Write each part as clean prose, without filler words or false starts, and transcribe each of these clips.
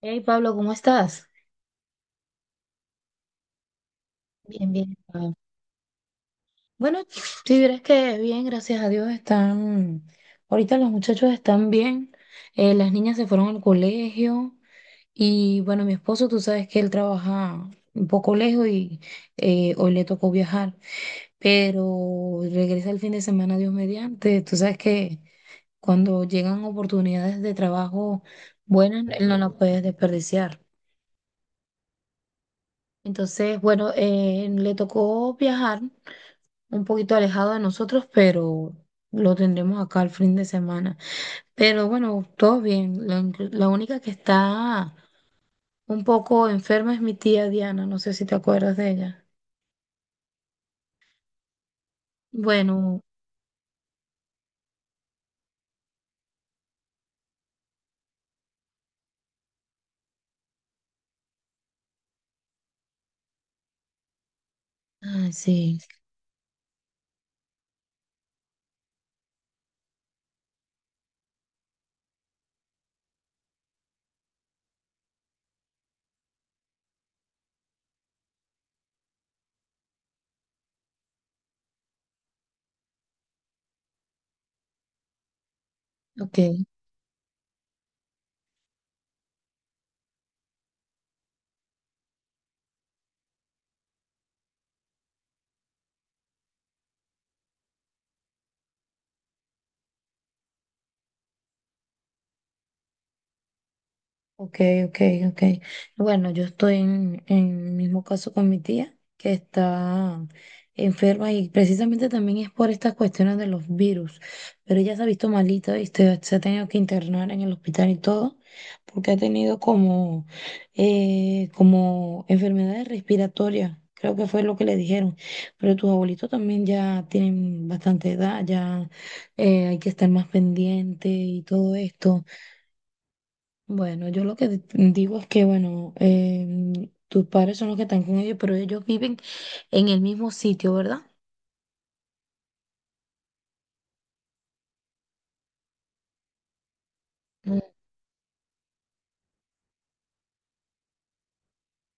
Hey Pablo, ¿cómo estás? Bien, bien. Pablo. Bueno, si vieras que bien, gracias a Dios están. Ahorita los muchachos están bien. Las niñas se fueron al colegio. Y bueno, mi esposo, tú sabes que él trabaja un poco lejos y hoy le tocó viajar. Pero regresa el fin de semana, Dios mediante. Tú sabes que cuando llegan oportunidades de trabajo buenas, él no las puede desperdiciar. Entonces, bueno, le tocó viajar un poquito alejado de nosotros, pero lo tendremos acá el fin de semana. Pero bueno, todo bien. La única que está un poco enferma es mi tía Diana, no sé si te acuerdas de ella. Bueno, ay, sí, ok. Ok, ok, ok. Bueno, yo estoy en el mismo caso con mi tía, que está enferma y precisamente también es por estas cuestiones de los virus. Pero ella se ha visto malita y se ha tenido que internar en el hospital y todo, porque ha tenido como enfermedades respiratorias. Creo que fue lo que le dijeron. Pero tus abuelitos también ya tienen bastante edad, ya hay que estar más pendiente y todo esto. Bueno, yo lo que digo es que, bueno, tus padres son los que están con ellos, pero ellos viven en el mismo sitio, ¿verdad? Mm.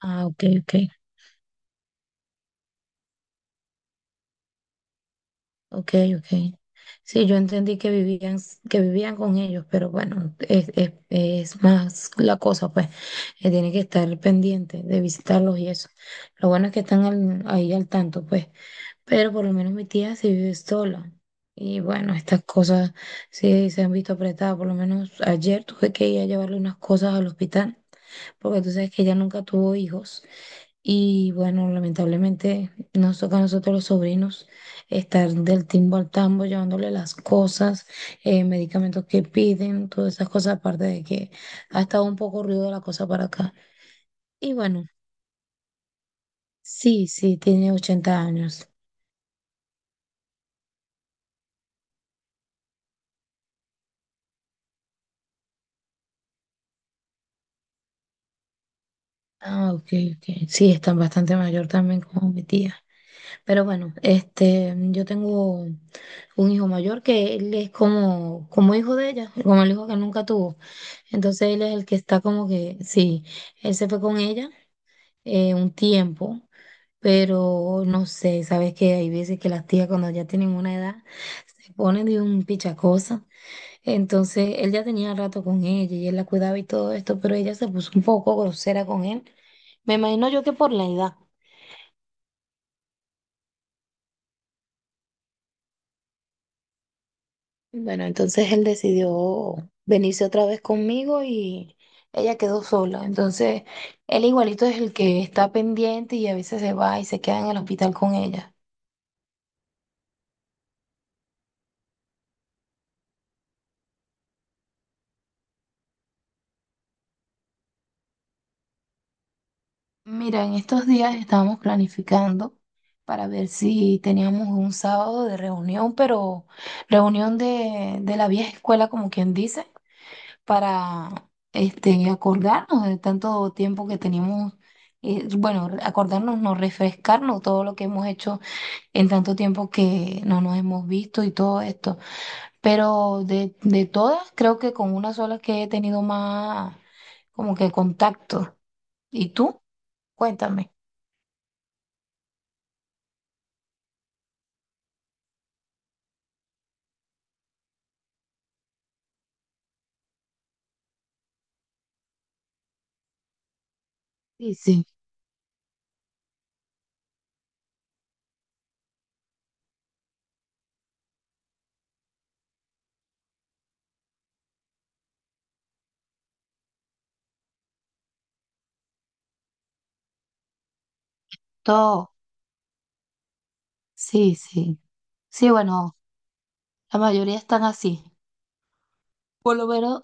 Ah, ok, ok, ok, ok. Sí, yo entendí que vivían que vivían con ellos, pero bueno, es más la cosa, pues, que tiene que estar pendiente de visitarlos y eso. Lo bueno es que están ahí al tanto, pues. Pero por lo menos mi tía sí vive sola. Y bueno, estas cosas sí se han visto apretadas. Por lo menos ayer tuve que ir a llevarle unas cosas al hospital, porque tú sabes que ella nunca tuvo hijos. Y bueno, lamentablemente nos toca a nosotros los sobrinos estar del timbo al tambo, llevándole las cosas, medicamentos que piden, todas esas cosas, aparte de que ha estado un poco ruido la cosa para acá. Y bueno, sí, sí, tiene 80 años. Ah, ok, ok. Sí, están bastante mayor también como mi tía. Pero bueno, este, yo tengo un hijo mayor que él es como hijo de ella, como el hijo que nunca tuvo. Entonces él es el que está como que, sí, él se fue con ella un tiempo, pero no sé, sabes que hay veces que las tías cuando ya tienen una edad se ponen de un pichacosa entonces él ya tenía rato con ella y él la cuidaba y todo esto, pero ella se puso un poco grosera con él. Me imagino yo que por la edad. Bueno, entonces él decidió venirse otra vez conmigo y ella quedó sola. Entonces él igualito es el que está pendiente y a veces se va y se queda en el hospital con ella. Mira, en estos días estábamos planificando para ver si teníamos un sábado de reunión, pero reunión de la vieja escuela, como quien dice, para este, acordarnos de tanto tiempo que tenemos, bueno, acordarnos, no refrescarnos todo lo que hemos hecho en tanto tiempo que no nos hemos visto y todo esto. Pero de todas, creo que con una sola que he tenido más como que contacto. ¿Y tú? Cuéntame. Sí, sí, todo. Sí, sí. Sí, bueno, la mayoría están así. Por lo menos,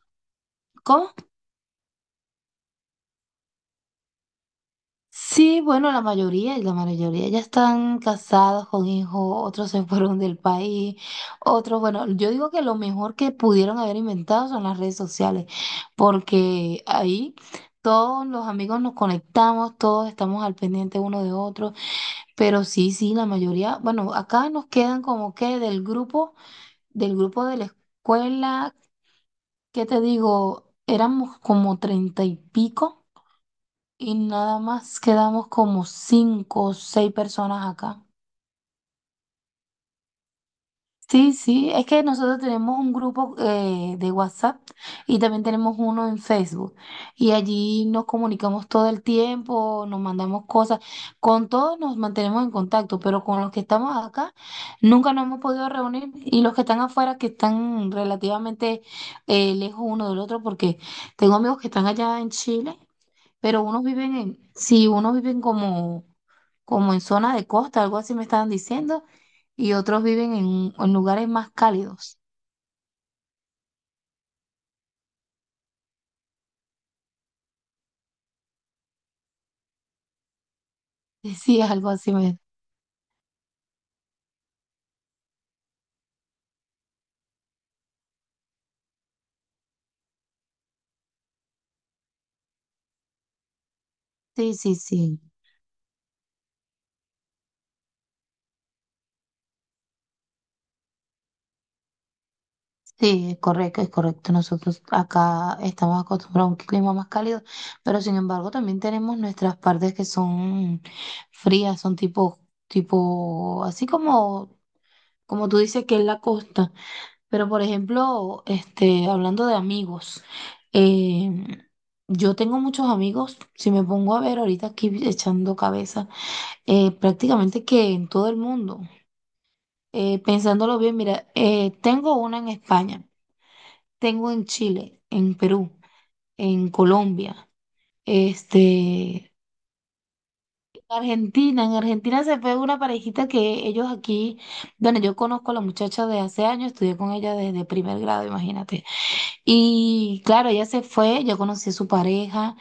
¿cómo? Sí, bueno, la mayoría ya están casados con hijos, otros se fueron del país, otros, bueno, yo digo que lo mejor que pudieron haber inventado son las redes sociales, porque ahí todos los amigos nos conectamos, todos estamos al pendiente uno de otro, pero sí, sí, la mayoría, bueno, acá nos quedan como que del grupo de la escuela. ¿Qué te digo? Éramos como treinta y pico. Y nada más quedamos como cinco o seis personas acá. Sí, sí, es que nosotros tenemos un grupo de WhatsApp y también tenemos uno en Facebook. Y allí nos comunicamos todo el tiempo, nos mandamos cosas. Con todos nos mantenemos en contacto, pero con los que estamos acá nunca nos hemos podido reunir. Y los que están afuera, que están relativamente lejos uno del otro, porque tengo amigos que están allá en Chile, pero unos viven sí, unos viven como en zona de costa, algo así me estaban diciendo, y otros viven en lugares más cálidos. Sí, algo así me... Sí, sí, sí, sí, es correcto, es correcto. Nosotros acá estamos acostumbrados a un clima más cálido, pero sin embargo también tenemos nuestras partes que son frías, son tipo, así como tú dices que es la costa. Pero por ejemplo, este, hablando de amigos, eh, yo tengo muchos amigos, si me pongo a ver ahorita aquí echando cabeza, prácticamente que en todo el mundo. Pensándolo bien, mira, tengo una en España, tengo en Chile, en Perú, en Colombia, este, Argentina, en Argentina se fue una parejita que ellos aquí, bueno, yo conozco a la muchacha de hace años, estudié con ella desde primer grado, imagínate. Y claro, ella se fue, yo conocí a su pareja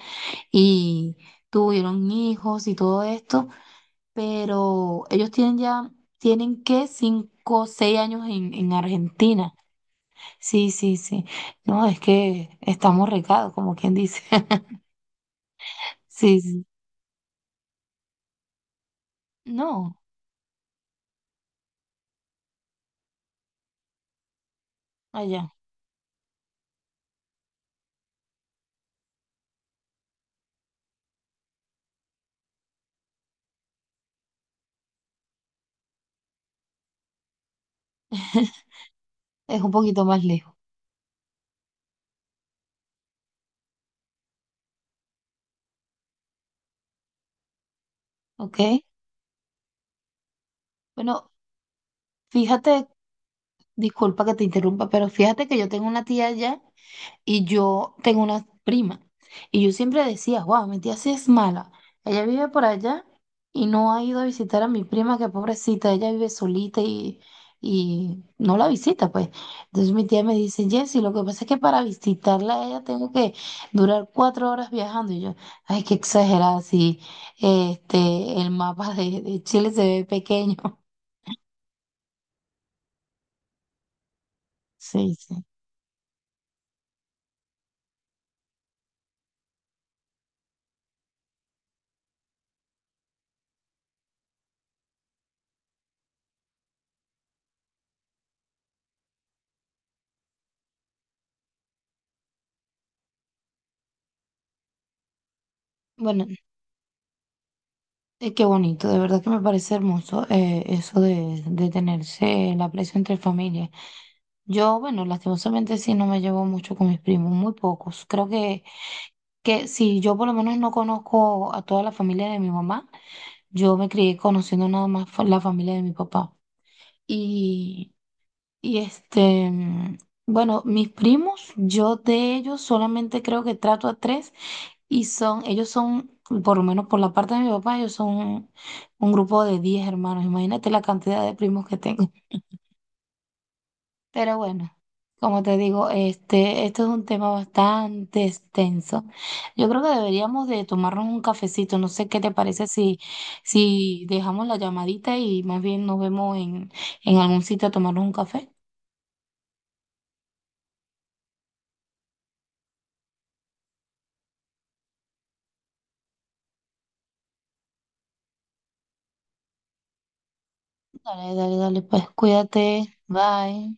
y tuvieron hijos y todo esto, pero ellos tienen ya, tienen que 5 o 6 años en Argentina. Sí, sí, sí. No, es que estamos recados, como quien dice. Sí, sí. No, allá. Es un poquito más lejos, ¿ok? Bueno, fíjate, disculpa que te interrumpa, pero fíjate que yo tengo una tía allá. Y yo tengo una prima. Y yo siempre decía, wow, mi tía sí es mala. Ella vive por allá y no ha ido a visitar a mi prima, que pobrecita, ella vive solita y no la visita, pues. Entonces mi tía me dice, Jessy, lo que pasa es que para visitarla a ella tengo que durar 4 horas viajando. Y yo, ay, qué exagerada, si el mapa de Chile se ve pequeño. Sí, sí. Bueno, qué bonito, de verdad que me parece hermoso eso de tenerse el aprecio entre familia. Yo, bueno, lastimosamente sí no me llevo mucho con mis primos, muy pocos. Creo que si yo por lo menos no conozco a toda la familia de mi mamá, yo me crié conociendo nada más la familia de mi papá. Y, y, bueno, mis primos, yo de ellos solamente creo que trato a tres. Ellos son, por lo menos por la parte de mi papá, ellos son un grupo de 10 hermanos. Imagínate la cantidad de primos que tengo. Pero bueno, como te digo, este, esto es un tema bastante extenso. Yo creo que deberíamos de tomarnos un cafecito. No sé qué te parece si dejamos la llamadita y más bien nos vemos en algún sitio a tomarnos un café. Dale, dale, dale, pues cuídate. Bye.